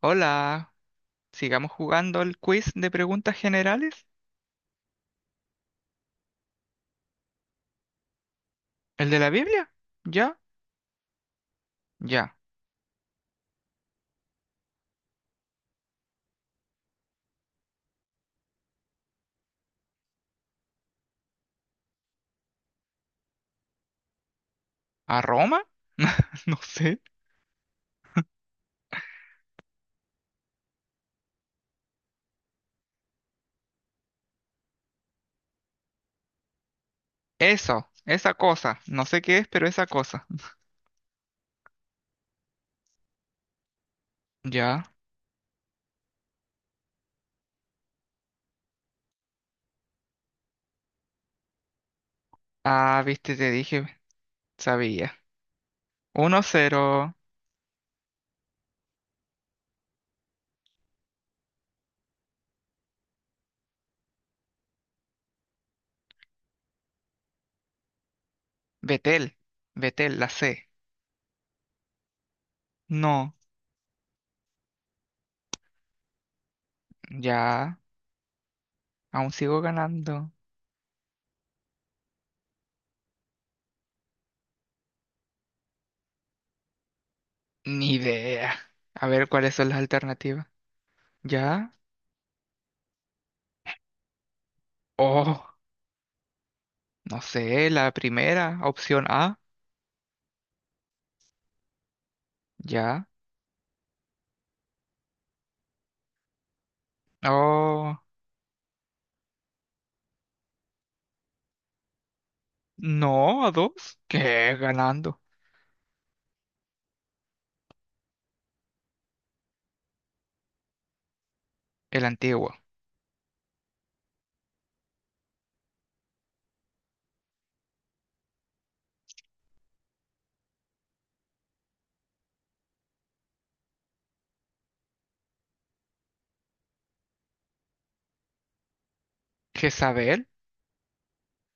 Hola, sigamos jugando el quiz de preguntas generales. ¿El de la Biblia? ¿Ya? ¿Ya? ¿A Roma? No sé. Eso, esa cosa. No sé qué es, pero esa cosa. Ya. Ah, viste, te dije, sabía. 1-0. Betel. Betel, la C. No, ya. Aún sigo ganando. Ni idea. A ver cuáles son las alternativas. ¿Ya? Oh, no sé, la primera, opción A. ¿Ya? Oh. No, a dos. ¿Qué? Ganando. El antiguo. Jezabel.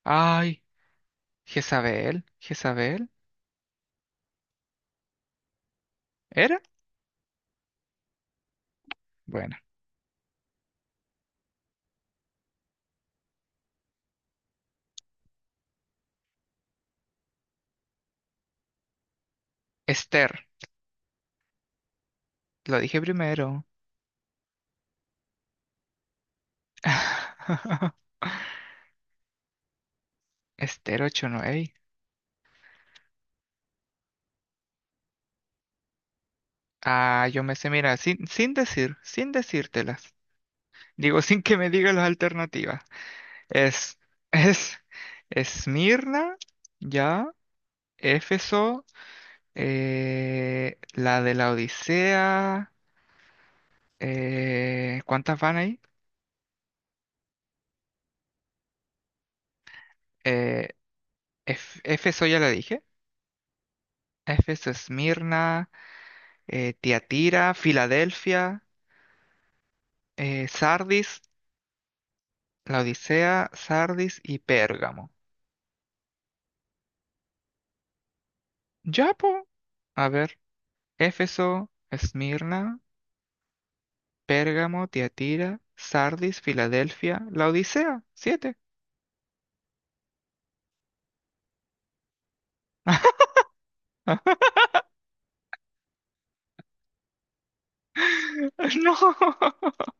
Ay, Jezabel. Jezabel. ¿Era? Bueno. Esther. Lo dije primero. Esther 8:9. Ah, yo me sé, mira, sin decir, sin decírtelas. Digo, sin que me diga las alternativas. Es, es, Esmirna, ya, Éfeso, la de la Odisea. ¿Cuántas van ahí? Eh, Éfeso ya la dije. Éfeso, Esmirna, Tiatira, Filadelfia, Sardis, la Odisea, Sardis y Pérgamo. Ya, po. A ver. Éfeso, Esmirna, Pérgamo, Tiatira, Sardis, Filadelfia, la Odisea. Siete. No.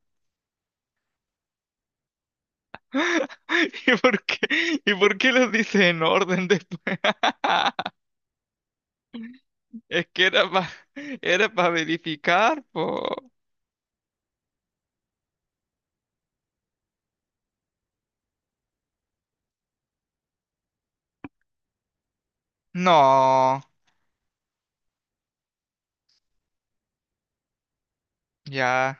¿Y por qué? ¿Y por qué los dice en orden después? Es que era para verificar, po. No, ya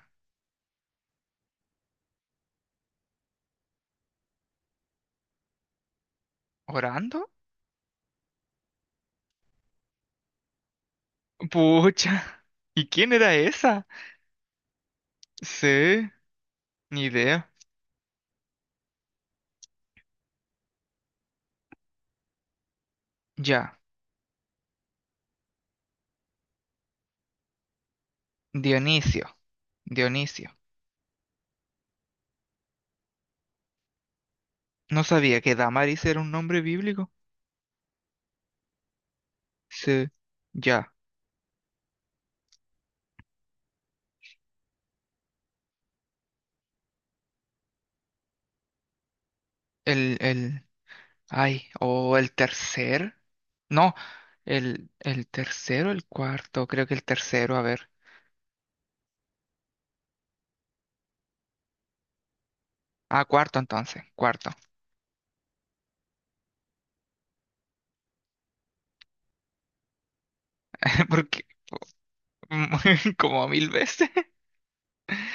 orando. Pucha. ¿Y quién era esa? Sí, ni idea. Ya, Dionisio, Dionisio. No sabía que Damaris era un nombre bíblico. Sí, ya. El, el, ay, o el tercer. No, el tercero, el cuarto. Creo que el tercero, a ver. Ah, cuarto entonces, cuarto. Porque como 1.000 veces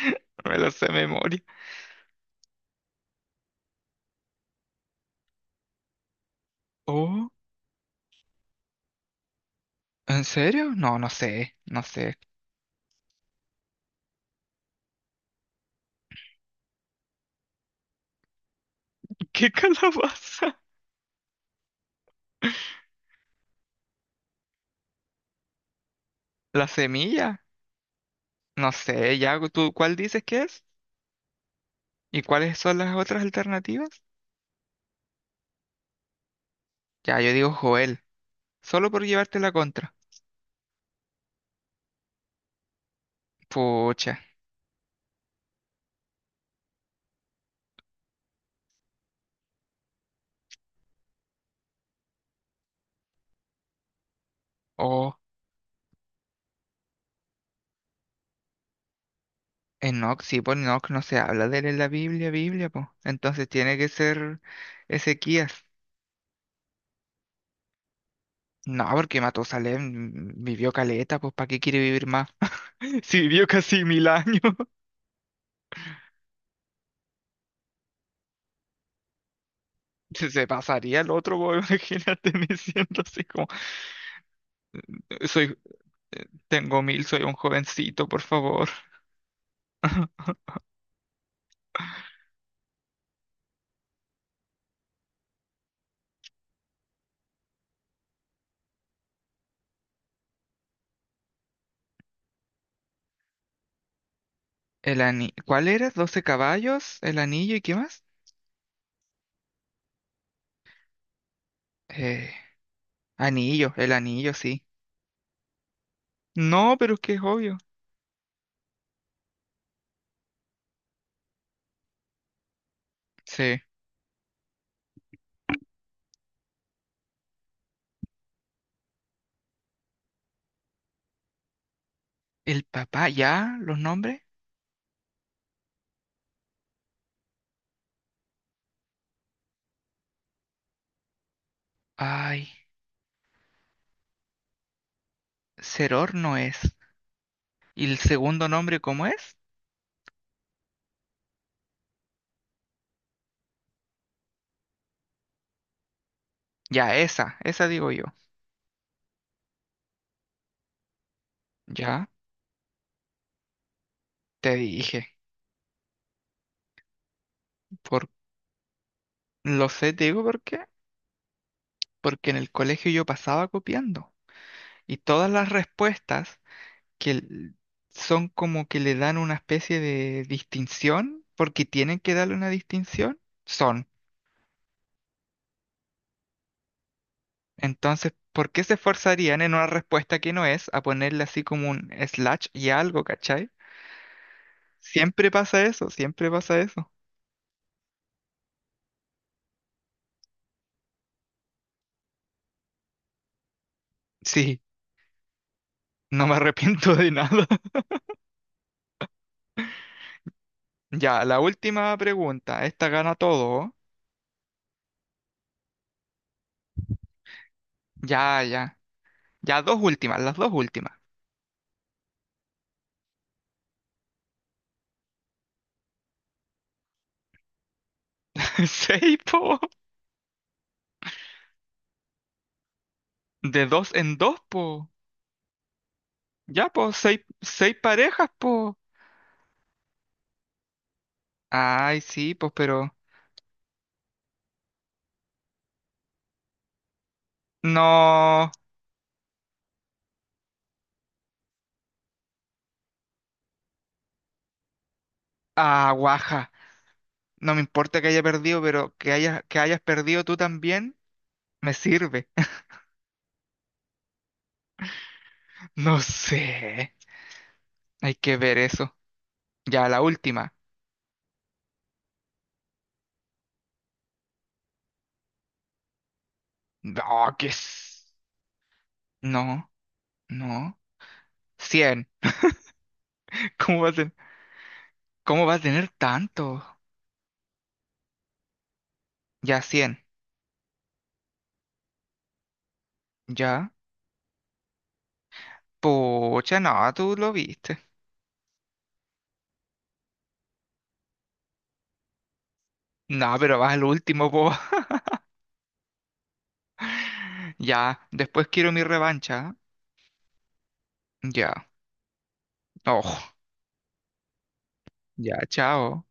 me lo sé de memoria. Oh, ¿En serio? No, no sé, no sé. ¿Qué calabaza? ¿La semilla? No sé, ya tú, ¿cuál dices que es? ¿Y cuáles son las otras alternativas? Ya, yo digo Joel, solo por llevarte la contra. Pucha. O Enoch, sí, por Enoch no se habla de él en la Biblia, Biblia, pues. Entonces tiene que ser Ezequías. No, porque Matusalén vivió caleta, pues, ¿para qué quiere vivir más? Si vivió casi 1.000 años, se pasaría el otro, pues imagínate, me siento así como. Soy, tengo mil, soy un jovencito, por favor. ¿Cuál era? ¿12 caballos? ¿El anillo y qué más? Eh, el anillo, sí. No, pero es que es obvio. Sí. ¿El papá ya? ¿Los nombres? Ay, Ceror no es. ¿Y el segundo nombre cómo es? Ya, esa digo yo. Ya, te dije. Por... Lo sé, te digo por qué. Porque en el colegio yo pasaba copiando. Y todas las respuestas que l- son como que le dan una especie de distinción, porque tienen que darle una distinción, son. Entonces, ¿por qué se esforzarían en una respuesta que no es a ponerle así como un slash y algo, ¿cachai? Siempre pasa eso, siempre pasa eso. Sí, no me arrepiento de nada. Ya, la última pregunta, esta gana todo. ¿Oh? Ya, ya. Ya, dos últimas, las dos últimas. Seis, po. De dos en dos, po. Ya, po, seis, seis parejas, po. Ay, sí, pues, pero no. Ah, guaja. No me importa que haya perdido, pero que hayas perdido tú también me sirve. No sé. Hay que ver eso. Ya, la última. No, que es. No, no. 100. ¿Cómo va a tener tanto? Ya, 100. Ya. Pucha, no, tú lo viste. No, pero vas al último, po. Ya. Después quiero mi revancha. ¿Eh? Ya. Ojo. Ya, chao.